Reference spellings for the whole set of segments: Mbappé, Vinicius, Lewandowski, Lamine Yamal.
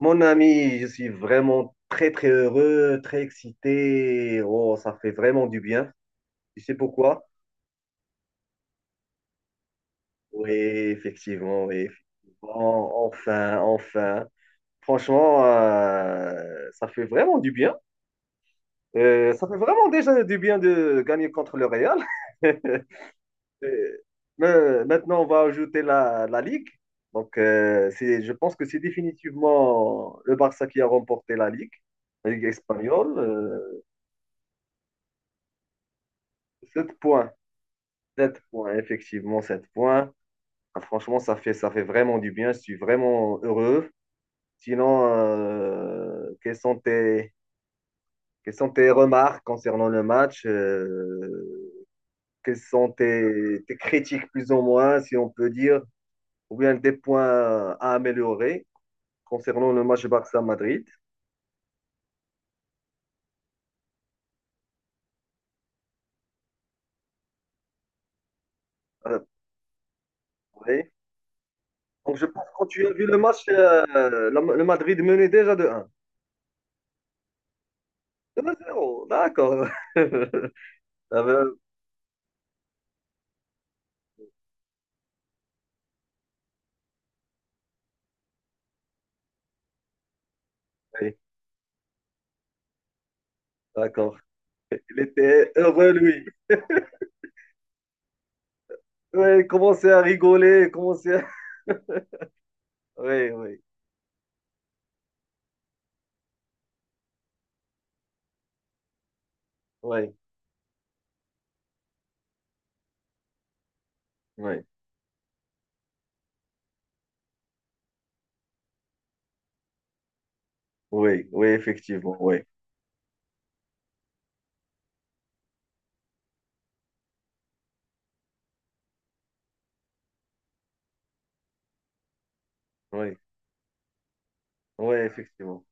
Mon ami, je suis vraiment très très heureux, très excité. Oh, ça fait vraiment du bien. Tu sais pourquoi? Oui, effectivement, oui, effectivement. Enfin, enfin. Franchement, ça fait vraiment du bien. Ça fait vraiment déjà du bien de gagner contre le Real. Euh, mais maintenant, on va ajouter la Ligue. Donc, je pense que c'est définitivement le Barça qui a remporté la Ligue espagnole. 7 points. 7 points, effectivement, 7 points. Ah, franchement, ça fait vraiment du bien. Je suis vraiment heureux. Sinon, quelles sont tes remarques concernant le match? Quelles sont tes critiques, plus ou moins, si on peut dire, ou bien des points à améliorer concernant le match Barça-Madrid? Euh, oui. Donc, je pense que quand tu as vu le match, le Madrid menait déjà de 1. 2 zéro, d'accord. Ah ben, oui, d'accord. Il était heureux, lui. Oui, il commençait à rigoler, il commençait à... Oui, oui, oui, oui, oui, oui, effectivement, oui, oui, oui, effectivement,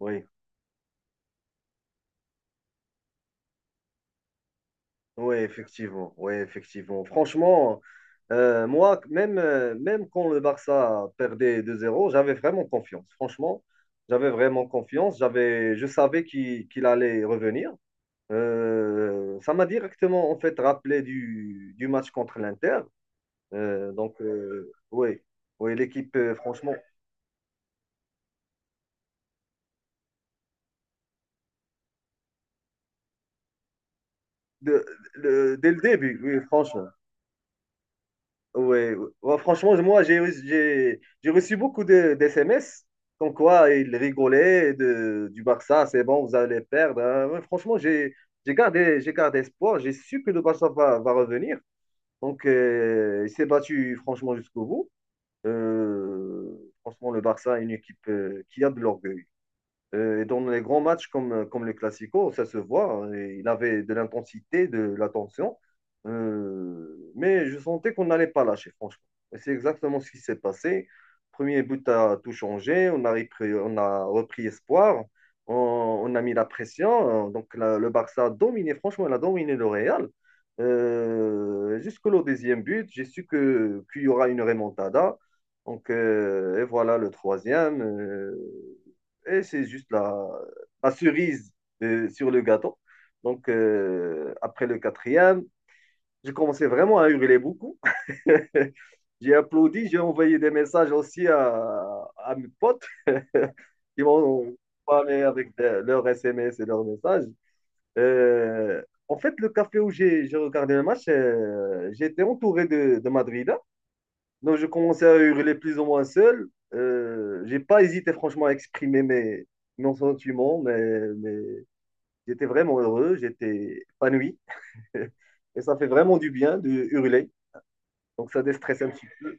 oui, oui, effectivement, oui, effectivement. Franchement, moi, même, même quand le Barça perdait 2-0, j'avais vraiment confiance. Franchement, j'avais vraiment confiance. J'avais, je savais qu'il allait revenir. Ça m'a directement, en fait, rappelé du match contre l'Inter. Donc, oui, oui, l'équipe, franchement, de- dès le début, oui, franchement. Oui, ouais. Ouais, franchement, j'ai reçu beaucoup de, d'SMS, comme quoi ils rigolaient de, du Barça, c'est bon, vous allez perdre, hein. Ouais, franchement, j'ai gardé espoir, j'ai su que le Barça va revenir. Donc, il s'est battu, franchement, jusqu'au bout. Euh, Franchement, le Barça est une équipe qui a de l'orgueil. Et dans les grands matchs comme le Classico, ça se voit, hein, et il avait de l'intensité, de l'attention. Mais je sentais qu'on n'allait pas lâcher, franchement. Et c'est exactement ce qui s'est passé. Premier but a tout changé. On a repris espoir. On, on a mis la pression, hein. Donc le Barça a dominé, franchement, il a dominé le Real. Jusqu'au deuxième but, j'ai su que qu'il y aura une remontada. Donc, et voilà le troisième. Et c'est juste la cerise sur le gâteau. Donc, après le quatrième, j'ai commencé vraiment à hurler beaucoup. J'ai applaudi, j'ai envoyé des messages aussi à mes potes qui m'ont parlé avec leurs SMS et leurs messages. Euh, en fait, le café où j'ai regardé le match, j'étais entouré de Madrid. Donc, je commençais à hurler plus ou moins seul. J'ai pas hésité, franchement, à exprimer mes sentiments, mais j'étais vraiment heureux, j'étais épanoui. Et ça fait vraiment du bien de hurler. Donc, ça déstresse un petit peu.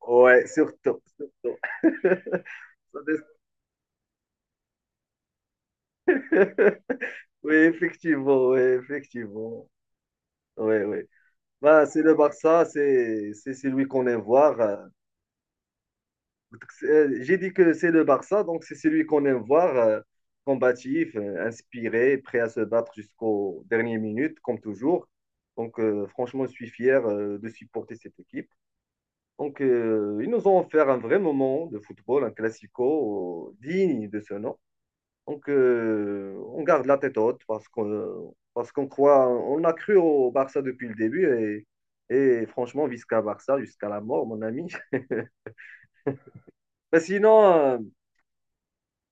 Ouais, surtout. Surtout. Ça déstresse. Oui, effectivement, oui, effectivement. Oui, oui. Bah, c'est le Barça, c'est celui qu'on aime voir. Euh, donc, j'ai dit que c'est le Barça, donc c'est celui qu'on aime voir, combatif, inspiré, prêt à se battre jusqu'aux dernières minutes, comme toujours. Donc franchement, je suis fier de supporter cette équipe. Donc ils nous ont offert un vrai moment de football, un classico digne de ce nom. Donc on garde la tête haute parce qu'on croit, on a cru au Barça depuis le début et franchement, visca Barça jusqu'à la mort, mon ami. Mais sinon,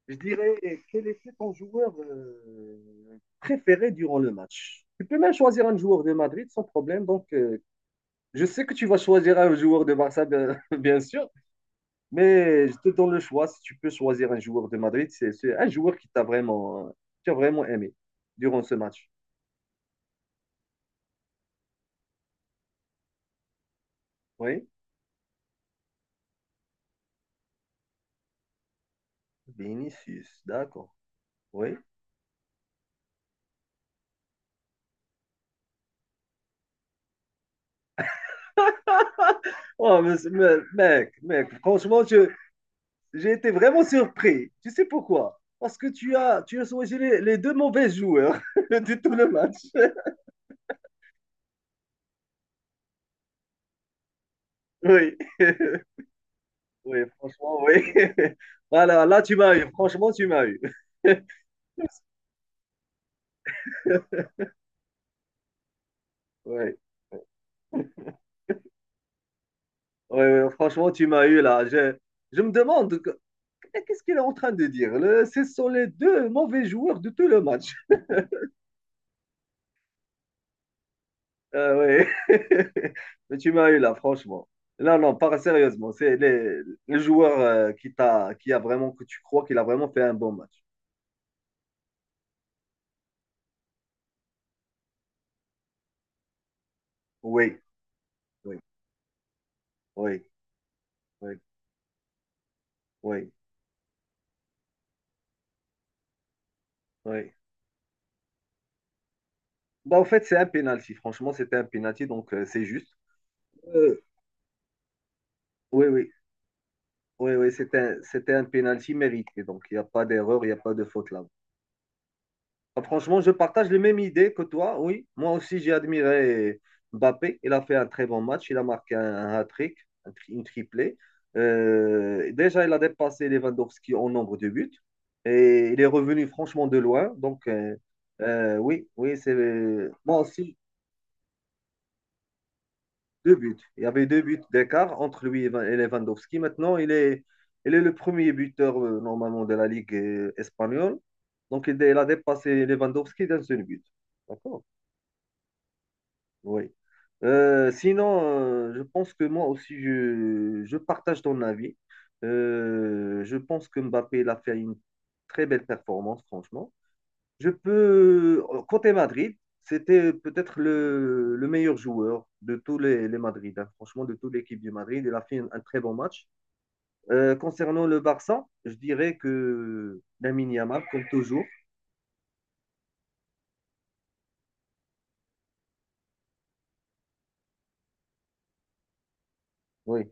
je dirais, quel était ton joueur préféré durant le match? Tu peux même choisir un joueur de Madrid sans problème. Donc, je sais que tu vas choisir un joueur de Barça, bien, bien sûr, mais je te donne le choix. Si tu peux choisir un joueur de Madrid, c'est un joueur qui t'a vraiment, tu as vraiment aimé durant ce match. Oui, Vinicius, d'accord. Oui. Oh, mec, mec, franchement, j'ai été vraiment surpris. Tu sais pourquoi? Parce que tu as choisi les deux mauvais joueurs de tout le match. Oui, oui, franchement, oui. Voilà, là, tu m'as eu. Franchement, tu m'as eu. Oui, oui, oui, franchement, tu m'as eu là. Je me demande qu'est-ce qu'il est en train de dire. Ce sont les deux mauvais joueurs de tout le match. Euh, ouais. Mais tu m'as eu là, franchement. Là, non, pas sérieusement. Le joueur qui t'a, qui a vraiment, que tu crois qu'il a vraiment fait un bon match. Oui, oui, oui, oui, oui, oui. Bah, en fait, c'est un penalty. Franchement, c'était un penalty, donc c'est juste. Euh, oui, oui, oui, oui, c'était c'était un penalty mérité. Donc, il n'y a pas d'erreur, il n'y a pas de faute là. Ah, franchement, je partage les mêmes idées que toi, oui. Moi aussi, j'ai admiré Mbappé. Il a fait un très bon match. Il a marqué un hat-trick, une triplée. Déjà, il a dépassé Lewandowski en nombre de buts. Et il est revenu franchement de loin. Donc, oui, oui, c'est moi aussi, deux buts. Il y avait deux buts d'écart entre lui et Lewandowski. Maintenant, il est le premier buteur normalement de la Ligue espagnole. Donc, il a dépassé Lewandowski d'un seul but. D'accord? Oui. Sinon, je pense que moi aussi, je partage ton avis. Je pense que Mbappé, il a fait une très belle performance, franchement. Je peux, côté Madrid, c'était peut-être le meilleur joueur de tous les Madrid, hein. Franchement, de toute l'équipe du Madrid. Il a fait un très bon match. Concernant le Barça, je dirais que Lamine Yamal, comme toujours. Oui,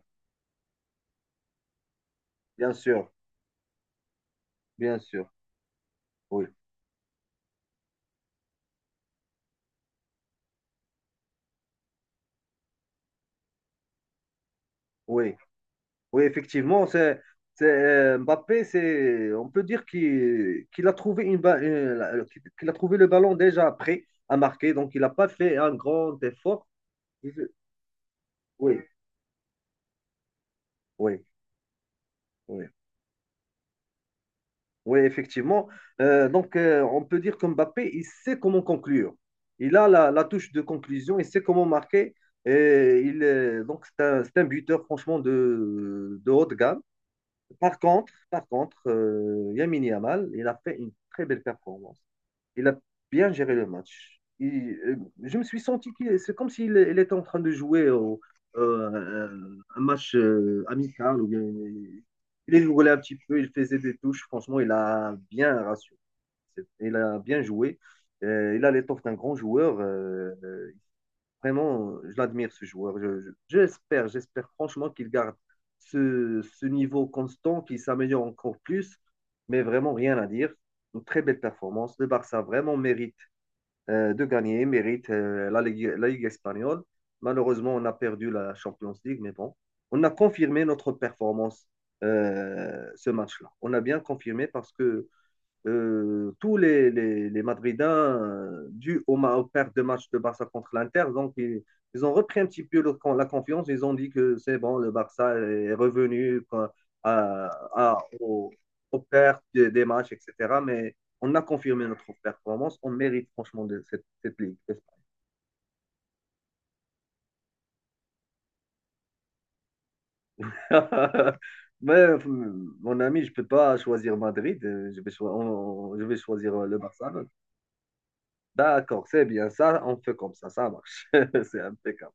bien sûr, bien sûr. Oui, oui. Oui, effectivement, Mbappé, c'est, on peut dire qu'il a trouvé qu'il a trouvé le ballon déjà prêt à marquer, donc il n'a pas fait un grand effort. Il- Oui, oui, oui, oui, effectivement. Donc, on peut dire que Mbappé, il sait comment conclure. Il a la touche de conclusion, il sait comment marquer. Donc, c'est un buteur, franchement, de haute gamme. Par contre, Lamine Yamal, il a fait une très belle performance. Il a bien géré le match. Je me suis senti qu'il, c'est comme s'il il était en train de jouer au- euh, un match amical. Ou bien, il est joué un petit peu, il faisait des touches. Franchement, il a bien rassuré. Il a bien joué. Il a l'étoffe d'un grand joueur. Euh, vraiment, je l'admire, ce joueur. J'espère, j'espère franchement qu'il garde ce niveau constant, qu'il s'améliore encore plus. Mais vraiment, rien à dire. Une très belle performance. Le Barça vraiment mérite de gagner, mérite la Ligue espagnole. Malheureusement, on a perdu la Champions League, mais bon, on a confirmé notre performance ce match-là. On a bien confirmé parce que tous les Madridains, dus aux pertes de match de Barça contre l'Inter, donc ils ont repris un petit peu la confiance. Ils ont dit que c'est bon, le Barça est revenu quoi, à, à- au- aux pertes des matchs, etc. Mais on a confirmé notre performance. On mérite franchement de cette, cette ligue. Mais mon ami, je ne peux pas choisir Madrid. Euh, je vais, je vais choisir le Barça. D'accord, c'est bien ça. On fait comme ça. Ça marche. C'est impeccable.